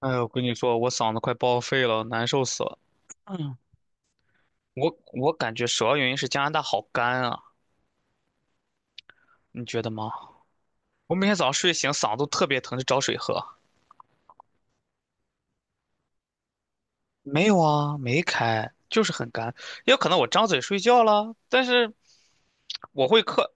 哎呀，我跟你说，我嗓子快报废了，难受死了。嗯，我感觉主要原因是加拿大好干啊，你觉得吗？我每天早上睡醒嗓子都特别疼，就找水喝。没有啊，没开，就是很干。也有可能我张嘴睡觉了，但是我会嗑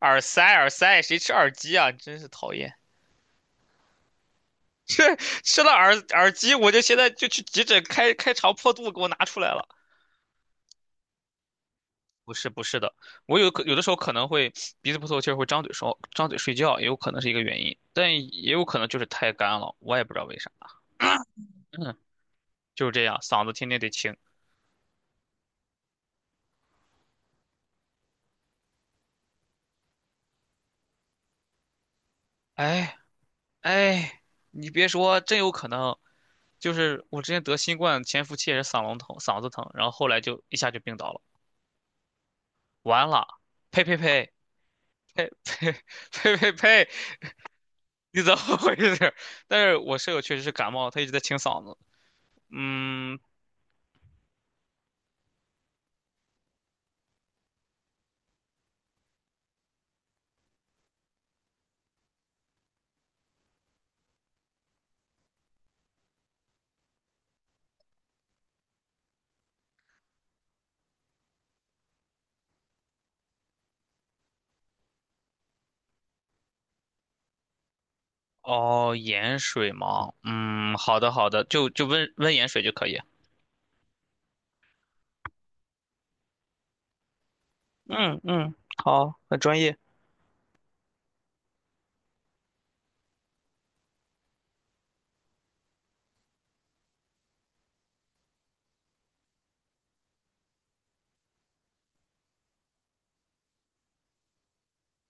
耳塞，耳塞谁吃耳机啊？真是讨厌！吃了耳机，我就现在就去急诊开开肠破肚，给我拿出来了。不是不是的，我有可有的时候可能会鼻子不透气儿，会张嘴睡觉，也有可能是一个原因，但也有可能就是太干了，我也不知道为啥。嗯，就是这样，嗓子天天得清。哎哎，你别说，真有可能，就是我之前得新冠潜伏期也是嗓咙疼、嗓子疼，然后后来就一下就病倒了。完了，呸呸呸呸呸呸呸，你怎么回事？但是我舍友确实是感冒，他一直在清嗓子。嗯，哦，盐水吗？嗯，好的好的，就温温盐水就可以。嗯嗯，好，很专业。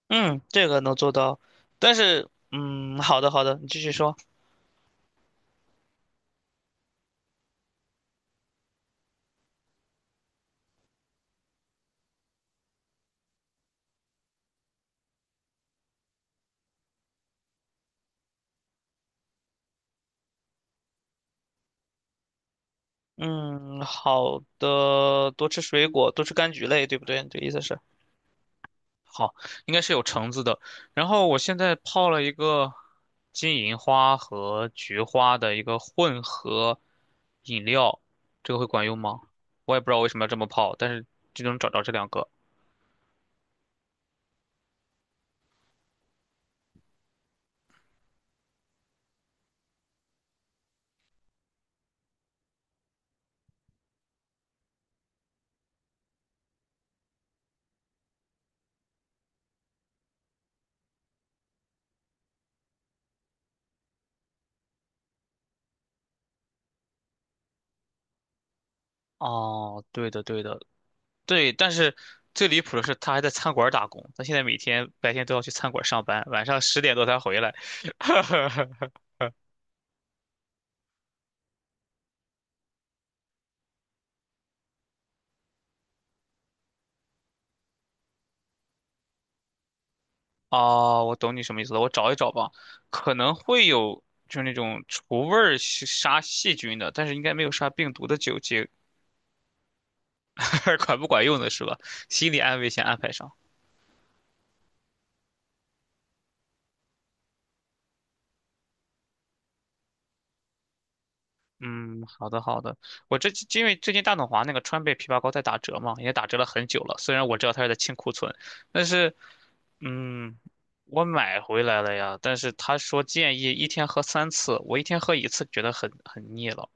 嗯，这个能做到，但是嗯，好的好的，你继续说。嗯，好的，多吃水果，多吃柑橘类，对不对？这意思是好，应该是有橙子的。然后我现在泡了一个金银花和菊花的一个混合饮料，这个会管用吗？我也不知道为什么要这么泡，但是就能找着这两个。哦，对的，对的，对，但是最离谱的是，他还在餐馆儿打工，他现在每天白天都要去餐馆儿上班，晚上十点多才回来。哦，我懂你什么意思了，我找一找吧，可能会有就是那种除味儿是杀细菌的，但是应该没有杀病毒的酒精，管不管用的是吧？心理安慰先安排上。嗯，好的好的，我这因为最近大董华那个川贝枇杷膏在打折嘛，也打折了很久了。虽然我知道它是在清库存，但是嗯，我买回来了呀。但是他说建议一天喝三次，我一天喝一次觉得很腻了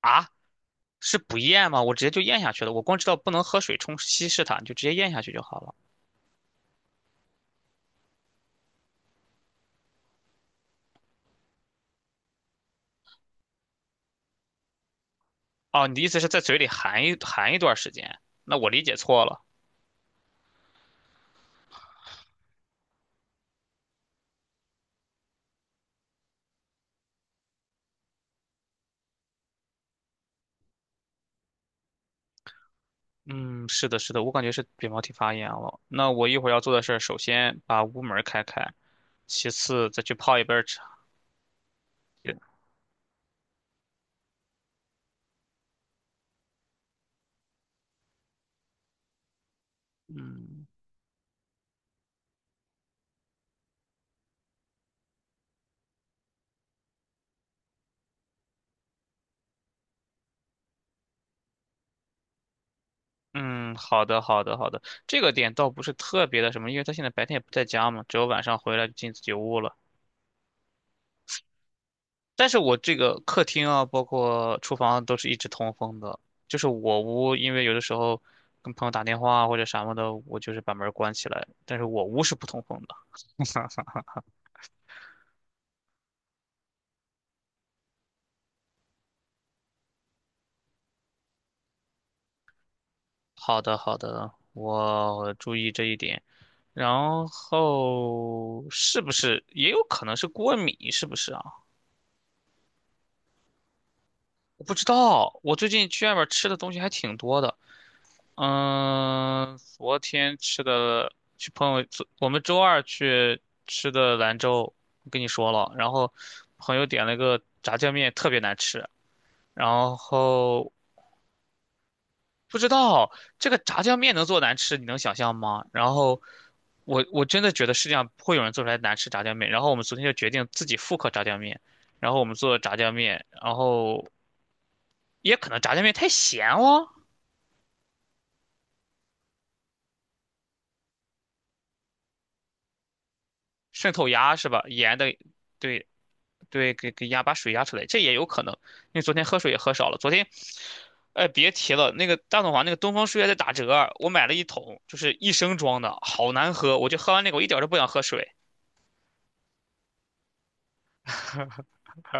啊？是不咽吗？我直接就咽下去了。我光知道不能喝水冲稀释它，你就直接咽下去就好了。哦，你的意思是在嘴里含一段时间？那我理解错了。嗯，是的，是的，我感觉是扁桃体发炎了。那我一会儿要做的事儿，首先把屋门儿开开，其次再去泡一杯茶。嗯嗯，好的，好的，好的。这个点倒不是特别的什么，因为他现在白天也不在家嘛，只有晚上回来就进自己屋了。但是我这个客厅啊，包括厨房都是一直通风的，就是我屋，因为有的时候跟朋友打电话啊或者什么的，我就是把门儿关起来，但是我屋是不通风的。好的，好的，我注意这一点。然后是不是也有可能是过敏？是不是啊？我不知道。我最近去外面吃的东西还挺多的。嗯，昨天吃的去朋友，昨我们周二去吃的兰州，我跟你说了。然后朋友点了个炸酱面，特别难吃。然后不知道这个炸酱面能做难吃，你能想象吗？然后我真的觉得世界上不会有人做出来难吃炸酱面。然后我们昨天就决定自己复刻炸酱面，然后我们做了炸酱面，然后也可能炸酱面太咸哦，渗透压是吧？盐的，对对，给压把水压出来，这也有可能。因为昨天喝水也喝少了，昨天。哎，别提了，那个大董房那个东方树叶在打折，我买了一桶，就是一升装的，好难喝，我就喝完那个，我一点儿都不想喝水。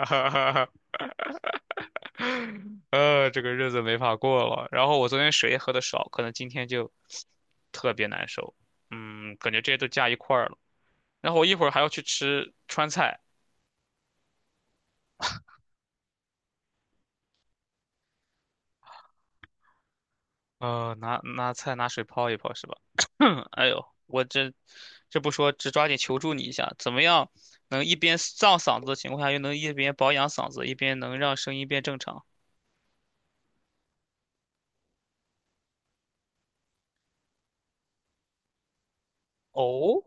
这个日子没法过了。然后我昨天水也喝的少，可能今天就特别难受。嗯，感觉这些都加一块儿了。然后我一会儿还要去吃川菜，呃，拿菜拿水泡一泡是吧？哎呦，我这这不说，只抓紧求助你一下，怎么样能一边胀嗓子的情况下，又能一边保养嗓子，一边能让声音变正常？哦，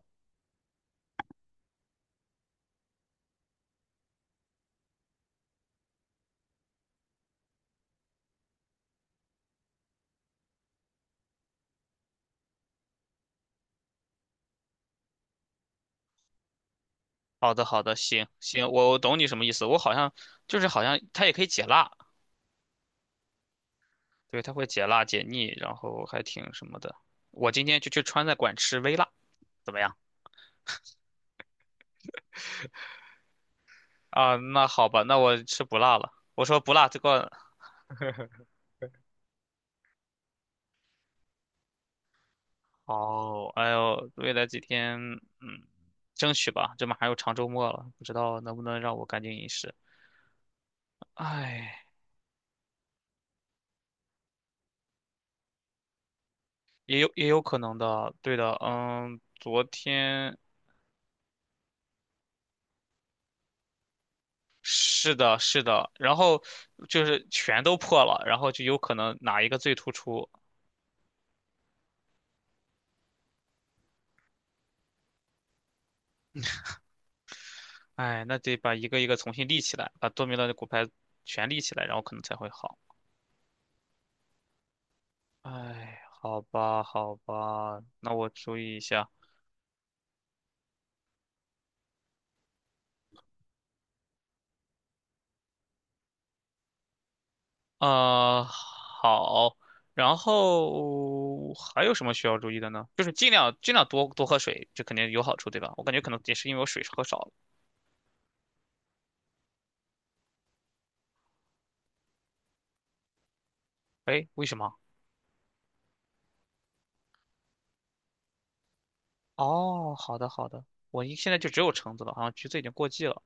好的好的，行行，我懂你什么意思。我好像就是好像它也可以解辣，对，它会解辣解腻，然后还挺什么的。我今天就去川菜馆吃微辣，怎么样？啊，那好吧，那我吃不辣了。我说不辣这个，哦，哎呦，未来几天，嗯，争取吧，这马上又长周末了，不知道能不能让我赶紧饮食。哎，也有也有可能的，对的，嗯，昨天是的，是的，然后就是全都破了，然后就有可能哪一个最突出，哎，那得把一个一个重新立起来，把多米诺的骨牌全立起来，然后可能才会好。哎，好吧，好吧，那我注意一下。啊、好。然后还有什么需要注意的呢？就是尽量尽量多多喝水，这肯定有好处，对吧？我感觉可能也是因为我水喝少了。哎，为什么？哦，好的好的，我一现在就只有橙子了，好像橘子已经过季了。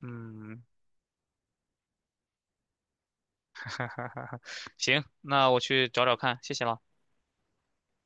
嗯，哈哈哈哈，行，那我去找找看，谢谢了。